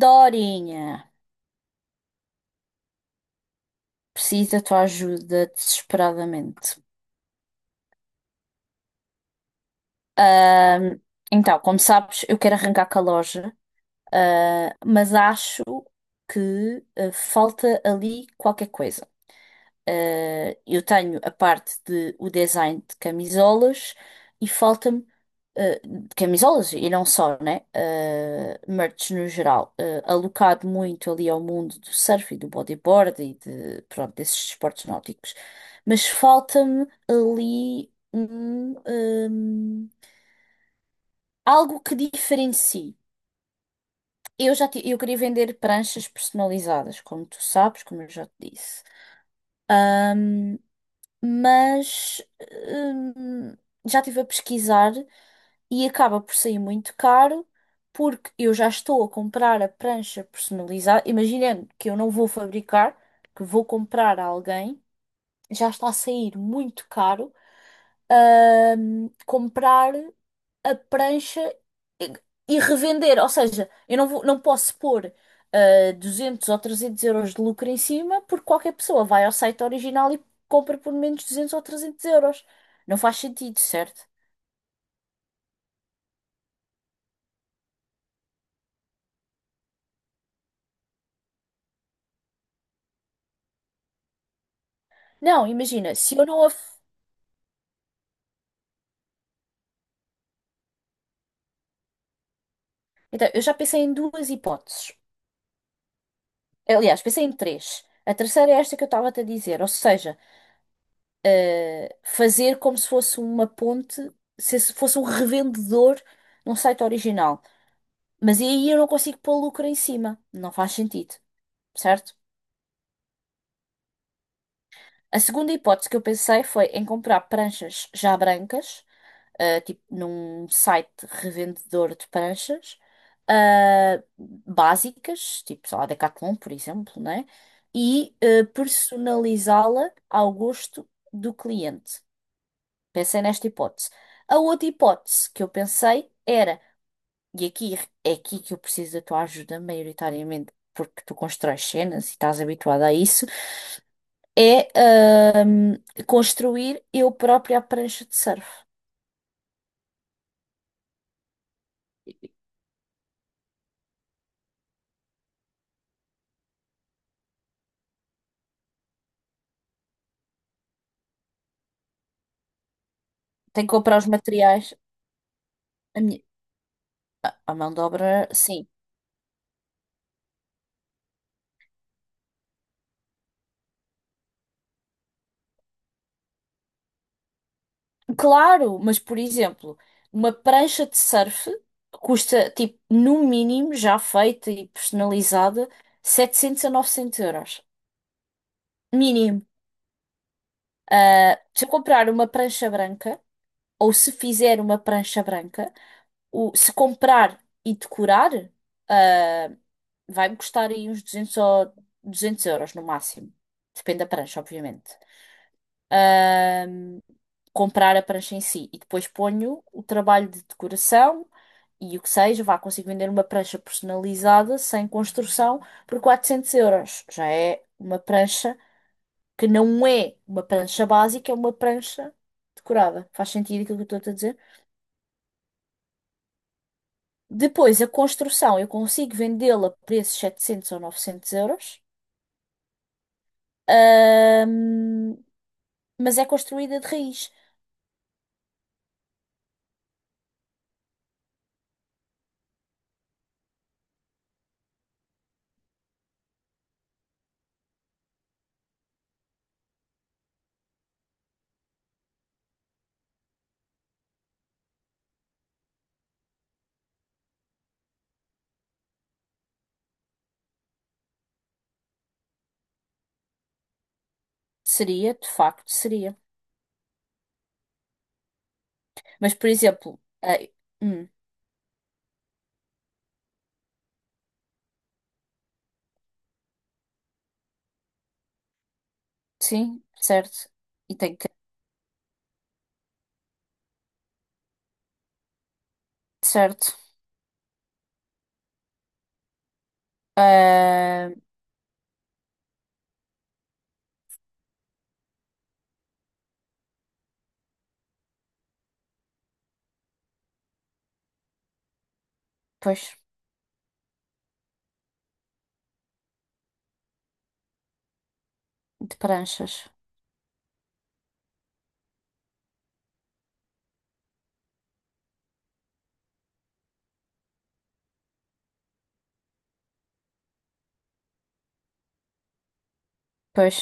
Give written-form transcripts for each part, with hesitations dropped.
Dorinha, preciso da tua ajuda desesperadamente. Ahm, então, como sabes, eu quero arrancar com a loja, mas acho que falta ali qualquer coisa. Eu tenho a parte de o design de camisolas e falta-me de camisolas e não só, né? Eh, merch no geral, eh, alocado muito ali ao mundo do surf e do bodyboard e de, pronto, desses esportes náuticos. Mas falta-me ali um algo que diferencie. Eu queria vender pranchas personalizadas, como tu sabes, como eu já te disse. Ahm, mas hum, Já estive a pesquisar e acaba por sair muito caro porque eu já estou a comprar a prancha personalizada. Imaginando que eu não vou fabricar, que vou comprar a alguém, já está a sair muito caro, comprar a prancha e, e revender. Ou seja, eu não vou, não posso pôr 200 ou 300 euros de lucro em cima, porque qualquer pessoa vai ao site original e compra por menos 200 ou 300 euros. Não faz sentido, certo? Não, imagina, se eu não. a f- Então, eu já pensei em duas hipóteses. Aliás, pensei em três. A terceira é esta que eu estava-te a dizer, ou seja, fazer como se fosse uma ponte, se esse fosse um revendedor num site original. Mas aí eu não consigo pôr lucro em cima. Não faz sentido, certo? A segunda hipótese que eu pensei foi em comprar pranchas já brancas, tipo num site revendedor de pranchas, básicas, tipo, sei lá, Decathlon, por exemplo, né? E personalizá-la ao gosto do cliente. Pensei nesta hipótese. A outra hipótese que eu pensei era, e aqui é aqui que eu preciso da tua ajuda maioritariamente, porque tu constróis cenas e estás habituada a isso, é ahm, construir eu própria a prancha de surf. Tenho que comprar os materiais. A minha- a mão de obra, sim. Claro, mas por exemplo, uma prancha de surf custa, tipo, no mínimo, já feita e personalizada, 700 a 900 euros. Mínimo. Se eu comprar uma prancha branca, ou se fizer uma prancha branca, se comprar e decorar, ah, vai-me custar aí uns 200 euros no máximo. Depende da prancha, obviamente. Ah, Comprar a prancha em si e depois ponho o trabalho de decoração e o que seja, vá, consigo vender uma prancha personalizada, sem construção, por 400 euros. Já é uma prancha que não é uma prancha básica, é uma prancha decorada. Faz sentido aquilo que eu estou a dizer? Depois, a construção, eu consigo vendê-la a preços 700 ou 900 euros, ahm, mas é construída de raiz. Seria, de facto, seria. Mas, por exemplo, hum, sim, certo. E tem que, certo. Ah, Pois, de pranchas. Pois.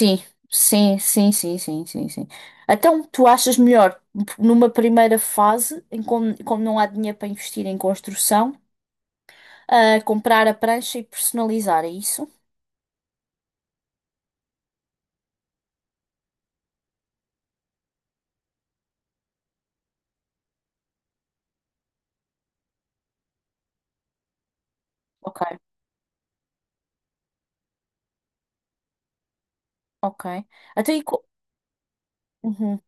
Sim, sim. Então, tu achas melhor, numa primeira fase, em como, como não há dinheiro para investir em construção, comprar a prancha e personalizar, é isso? Ok, ok. Então, e co- Uhum.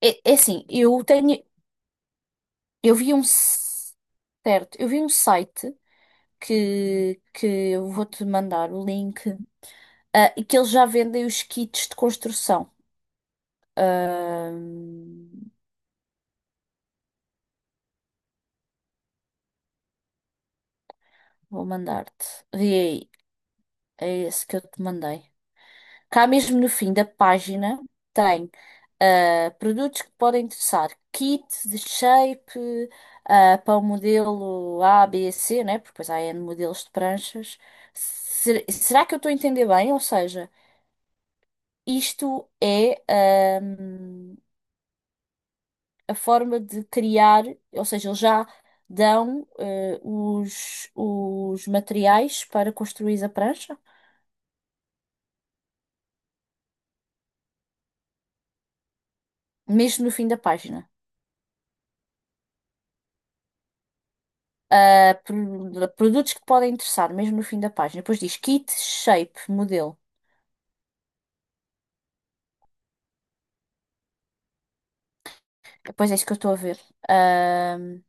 É, é assim, eu tenho, eu vi um, s- certo, eu vi um site que eu vou-te mandar o link, e que eles já vendem os kits de construção. Ah, Vou mandar-te. Vê aí. É esse que eu te mandei. Cá mesmo no fim da página tem produtos que podem interessar. Kit de shape para o modelo A, B, C, né? Porque depois há N modelos de pranchas. Será que eu estou a entender bem? Ou seja, isto é a forma de criar, ou seja, eles já dão os materiais para construir a prancha, mesmo no fim da página. Produtos que podem interessar, mesmo no fim da página. Depois diz kit, shape, modelo. Depois é isso que eu estou a ver. Ahm,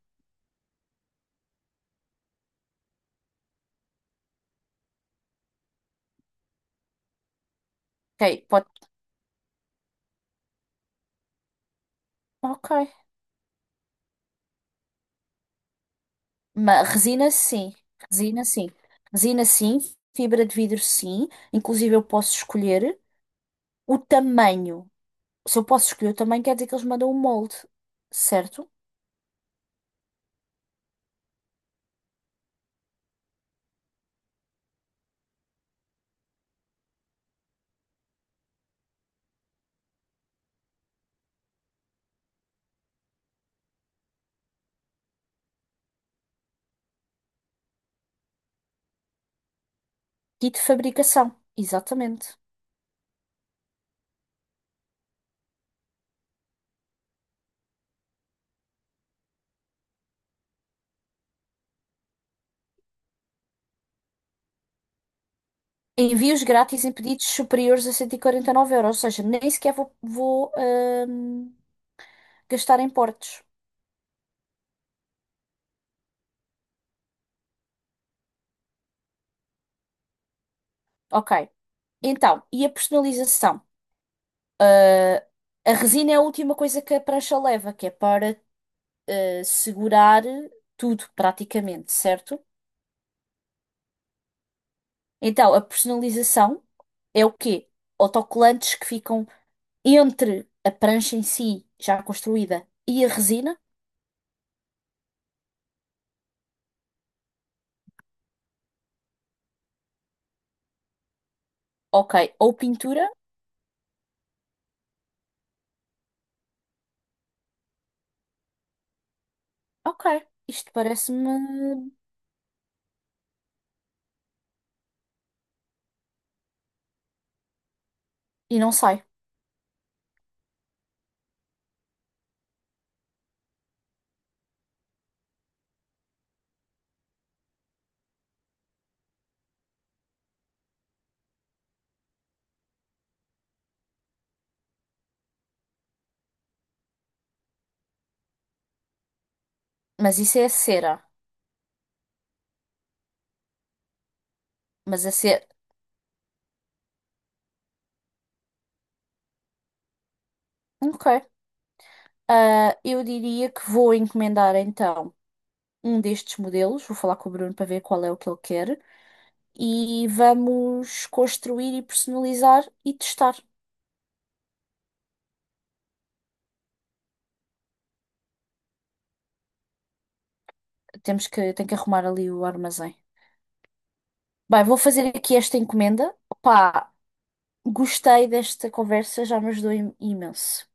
ok, pode. Ok. Mas resina sim. Resina sim. Resina sim. Fibra de vidro sim. Inclusive eu posso escolher o tamanho. Se eu posso escolher o tamanho, quer dizer que eles mandam o molde, certo? Kit de fabricação. Exatamente. Envios grátis em pedidos superiores a 149 euros. Ou seja, nem sequer vou gastar em portos. Ok. Então, e a personalização? Ah, a resina é a última coisa que a prancha leva, que é para segurar tudo, praticamente, certo? Então, a personalização é o quê? Autocolantes que ficam entre a prancha em si, já construída, e a resina? Ok. Ou pintura? Ok. Isto parece-me. E não sai. Mas isso é a cera. Mas a cera. Ok. Eu diria que vou encomendar então um destes modelos, vou falar com o Bruno para ver qual é o que ele quer, e vamos construir e personalizar e testar. Temos que, tem que arrumar ali o armazém. Bem, vou fazer aqui esta encomenda. Pá, gostei desta conversa, já me ajudou imenso.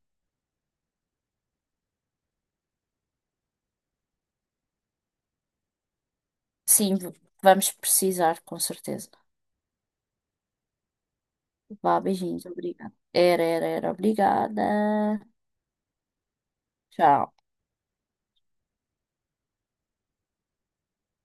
Sim, v- Vamos precisar, com certeza. Vá, beijinhos, obrigada. Era, obrigada. Tchau.